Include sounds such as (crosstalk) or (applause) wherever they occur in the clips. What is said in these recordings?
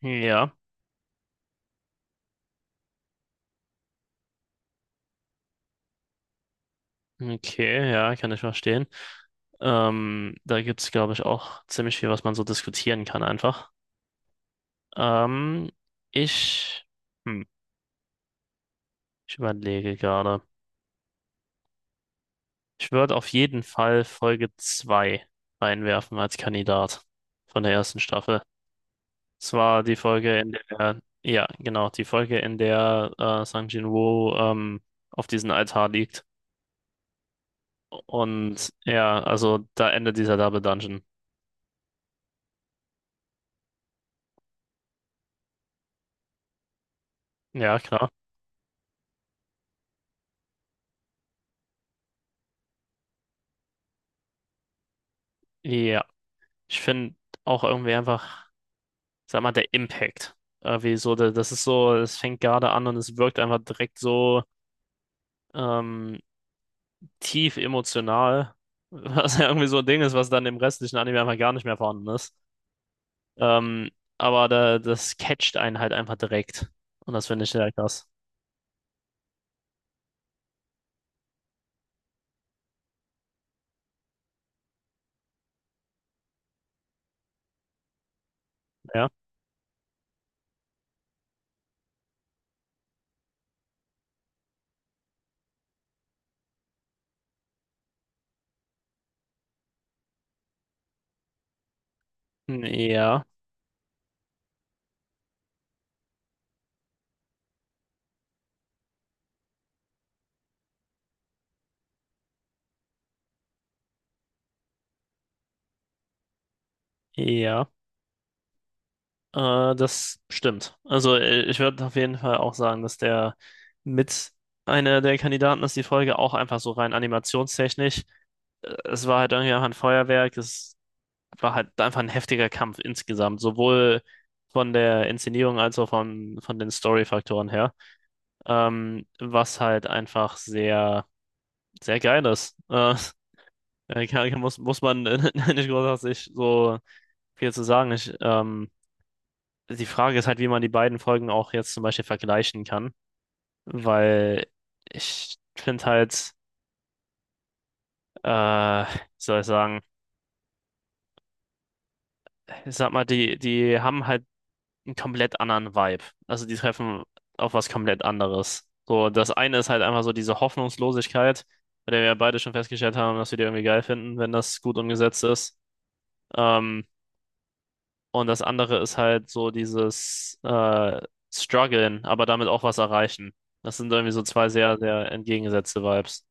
Ja, okay, ja, kann ich verstehen. Da gibt es, glaube ich, auch ziemlich viel, was man so diskutieren kann einfach. Ähm, ich, hm, ich überlege gerade. Ich würde auf jeden Fall Folge 2 reinwerfen als Kandidat von der ersten Staffel. Es war die Folge, in der, ja, genau, die Folge, in der Sang Jin-woo auf diesem Altar liegt. Und ja, also da endet dieser Double Dungeon. Ja, klar. Ja. Ich finde auch irgendwie einfach, sag mal, der Impact. Irgendwie so, das ist so, es fängt gerade an und es wirkt einfach direkt so ähm, tief emotional, (laughs) was ja irgendwie so ein Ding ist, was dann im restlichen Anime einfach gar nicht mehr vorhanden ist. Ähm, aber da, das catcht einen halt einfach direkt. Und das finde ich sehr krass. Ja. Hm, ja, ja, das stimmt. Also ich würde auf jeden Fall auch sagen, dass der mit einer der Kandidaten ist, die Folge auch einfach so rein animationstechnisch. Es war halt irgendwie einfach ein Feuerwerk, es war halt einfach ein heftiger Kampf insgesamt, sowohl von der Inszenierung als auch von den Story-Faktoren her, was halt einfach sehr, sehr geil ist. (laughs) Ja, muss man (laughs) nicht großartig so viel zu sagen. Die Frage ist halt, wie man die beiden Folgen auch jetzt zum Beispiel vergleichen kann, weil ich finde halt, wie soll ich sagen, ich sag mal, die haben halt einen komplett anderen Vibe. Also die treffen auf was komplett anderes. So, das eine ist halt einfach so diese Hoffnungslosigkeit, bei der wir ja beide schon festgestellt haben, dass wir die irgendwie geil finden, wenn das gut umgesetzt ist. Ähm, und das andere ist halt so dieses Struggeln, aber damit auch was erreichen. Das sind irgendwie so zwei sehr, sehr entgegengesetzte Vibes.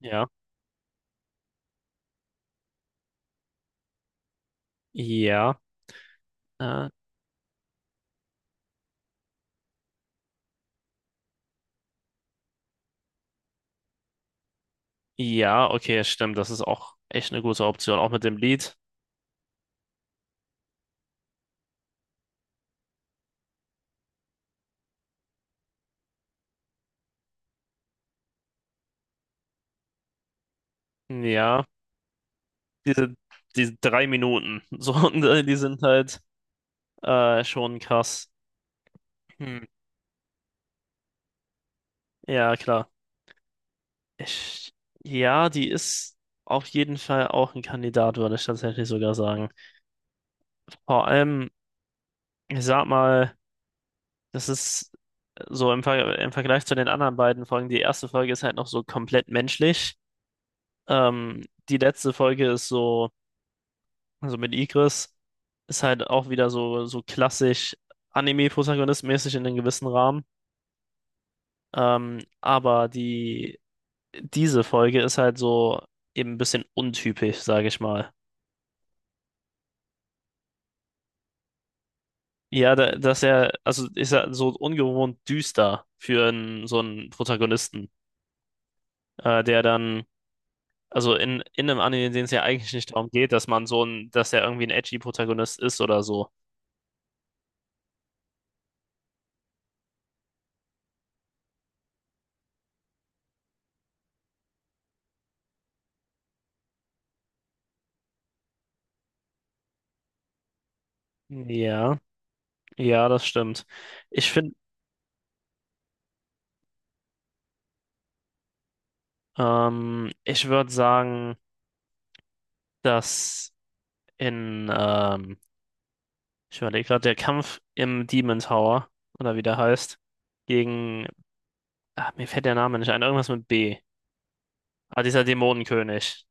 Ja. Ja. Äh, ja, okay, stimmt. Das ist auch echt eine gute Option. Auch mit dem Lied. Ja. diese, Diese 3 Minuten, (laughs) so, und die sind halt schon krass. Hm. Ja, klar. Ich, ja, die ist auf jeden Fall auch ein Kandidat, würde ich tatsächlich sogar sagen. Vor allem, ich sag mal, das ist so im Vergleich zu den anderen beiden Folgen, die erste Folge ist halt noch so komplett menschlich. Ähm, die letzte Folge ist so, also mit Igris, ist halt auch wieder so, so klassisch Anime-Protagonist-mäßig in einem gewissen Rahmen. Aber diese Folge ist halt so eben ein bisschen untypisch, sage ich mal. Ja, dass er, also ist er so ungewohnt düster für einen, so einen Protagonisten, der dann, also in einem Anime, in dem es ja eigentlich nicht darum geht, dass man so ein, dass er irgendwie ein edgy Protagonist ist oder so. Ja, ja, das stimmt. Ich finde, ich würde sagen, dass in, ähm, ich überlege gerade, der Kampf im Demon Tower, oder wie der heißt, gegen. Ah, mir fällt der Name nicht ein. Irgendwas mit B. Ah, dieser Dämonenkönig.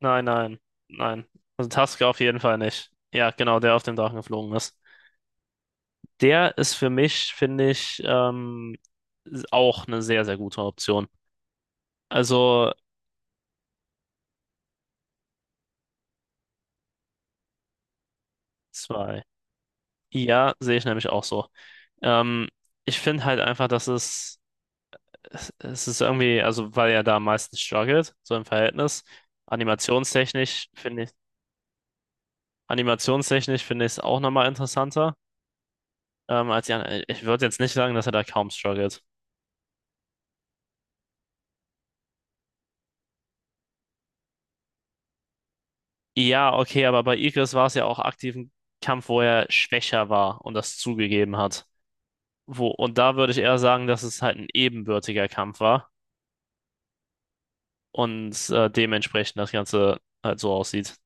Nein, nein, nein. Also Tusk auf jeden Fall nicht. Ja, genau, der auf dem Drachen geflogen ist. Der ist für mich, finde ich, auch eine sehr, sehr gute Option. Also zwei. Ja, sehe ich nämlich auch so. Ähm, ich finde halt einfach, dass es. Es ist irgendwie, also weil er da am meisten struggelt, so im Verhältnis. Animationstechnisch finde ich, animationstechnisch finde ich es auch nochmal interessanter, als die anderen. Ich würde jetzt nicht sagen, dass er da kaum struggelt. Ja, okay, aber bei Igris war es ja auch aktiv ein Kampf, wo er schwächer war und das zugegeben hat. Wo, und da würde ich eher sagen, dass es halt ein ebenbürtiger Kampf war und dementsprechend das Ganze halt so aussieht.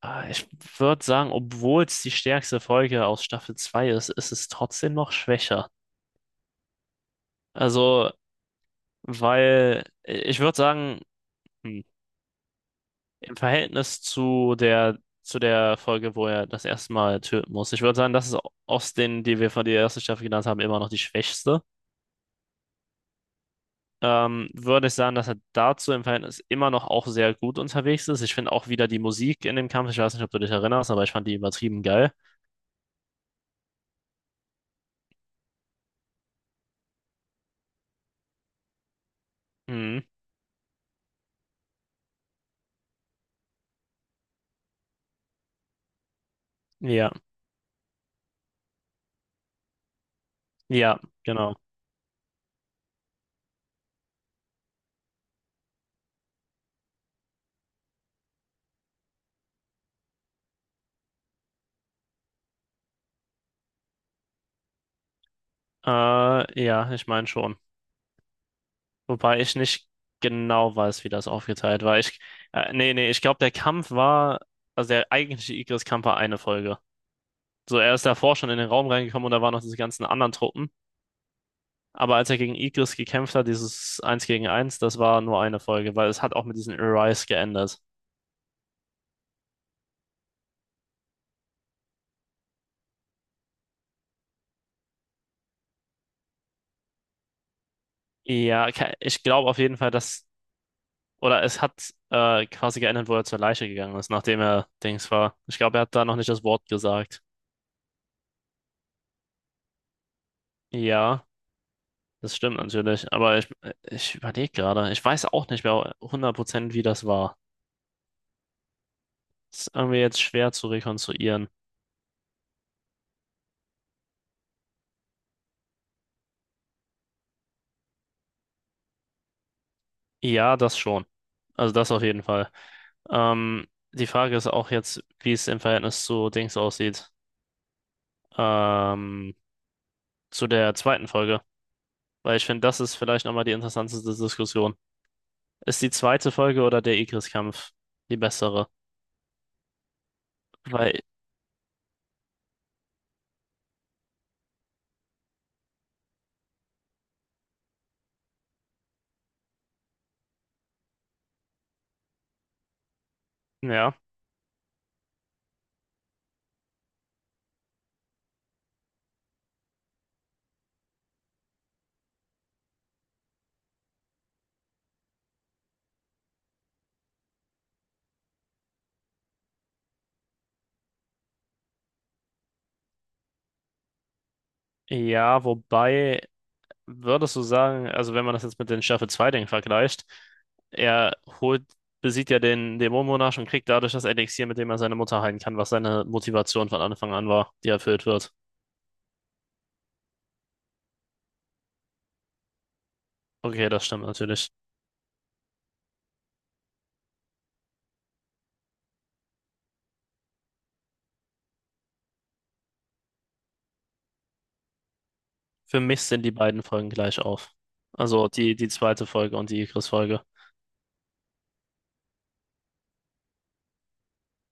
Ah, ich würde sagen, obwohl es die stärkste Folge aus Staffel 2 ist, ist es trotzdem noch schwächer. Also, weil ich würde sagen, hm, im Verhältnis zu zu der Folge, wo er das erste Mal töten muss, ich würde sagen, das ist aus den, die wir von der ersten Staffel genannt haben, immer noch die schwächste. Würde ich sagen, dass er dazu im Verhältnis immer noch auch sehr gut unterwegs ist. Ich finde auch wieder die Musik in dem Kampf, ich weiß nicht, ob du dich erinnerst, aber ich fand die übertrieben geil. Mhm. Ja, ja, genau. Ja, ich meine schon. Wobei ich nicht genau weiß, wie das aufgeteilt war. Nee, nee, ich glaube, also der eigentliche Igris-Kampf war eine Folge. So, er ist davor schon in den Raum reingekommen und da waren noch diese ganzen anderen Truppen. Aber als er gegen Igris gekämpft hat, dieses Eins gegen Eins, das war nur eine Folge, weil es hat auch mit diesen Arise geändert. Ja, ich glaube auf jeden Fall, dass, oder es hat quasi geändert, wo er zur Leiche gegangen ist, nachdem er Dings war. Ich glaube, er hat da noch nicht das Wort gesagt. Ja. Das stimmt natürlich, aber ich überlege gerade, ich weiß auch nicht mehr 100% wie das war. Das ist irgendwie jetzt schwer zu rekonstruieren. Ja, das schon. Also das auf jeden Fall. Ähm, die Frage ist auch jetzt, wie es im Verhältnis zu Dings aussieht. Ähm, zu der zweiten Folge. Weil ich finde, das ist vielleicht nochmal die interessanteste Diskussion. Ist die zweite Folge oder der Igris-Kampf die bessere? Weil, ja, ja, wobei würdest du sagen, also wenn man das jetzt mit den Staffel zwei dingen vergleicht, er holt, besiegt ja den Dämonenmonarch und kriegt dadurch das Elixier, mit dem er seine Mutter heilen kann, was seine Motivation von Anfang an war, die erfüllt wird. Okay, das stimmt natürlich. Für mich sind die beiden Folgen gleich auf. Also die zweite Folge und die Igris-Folge.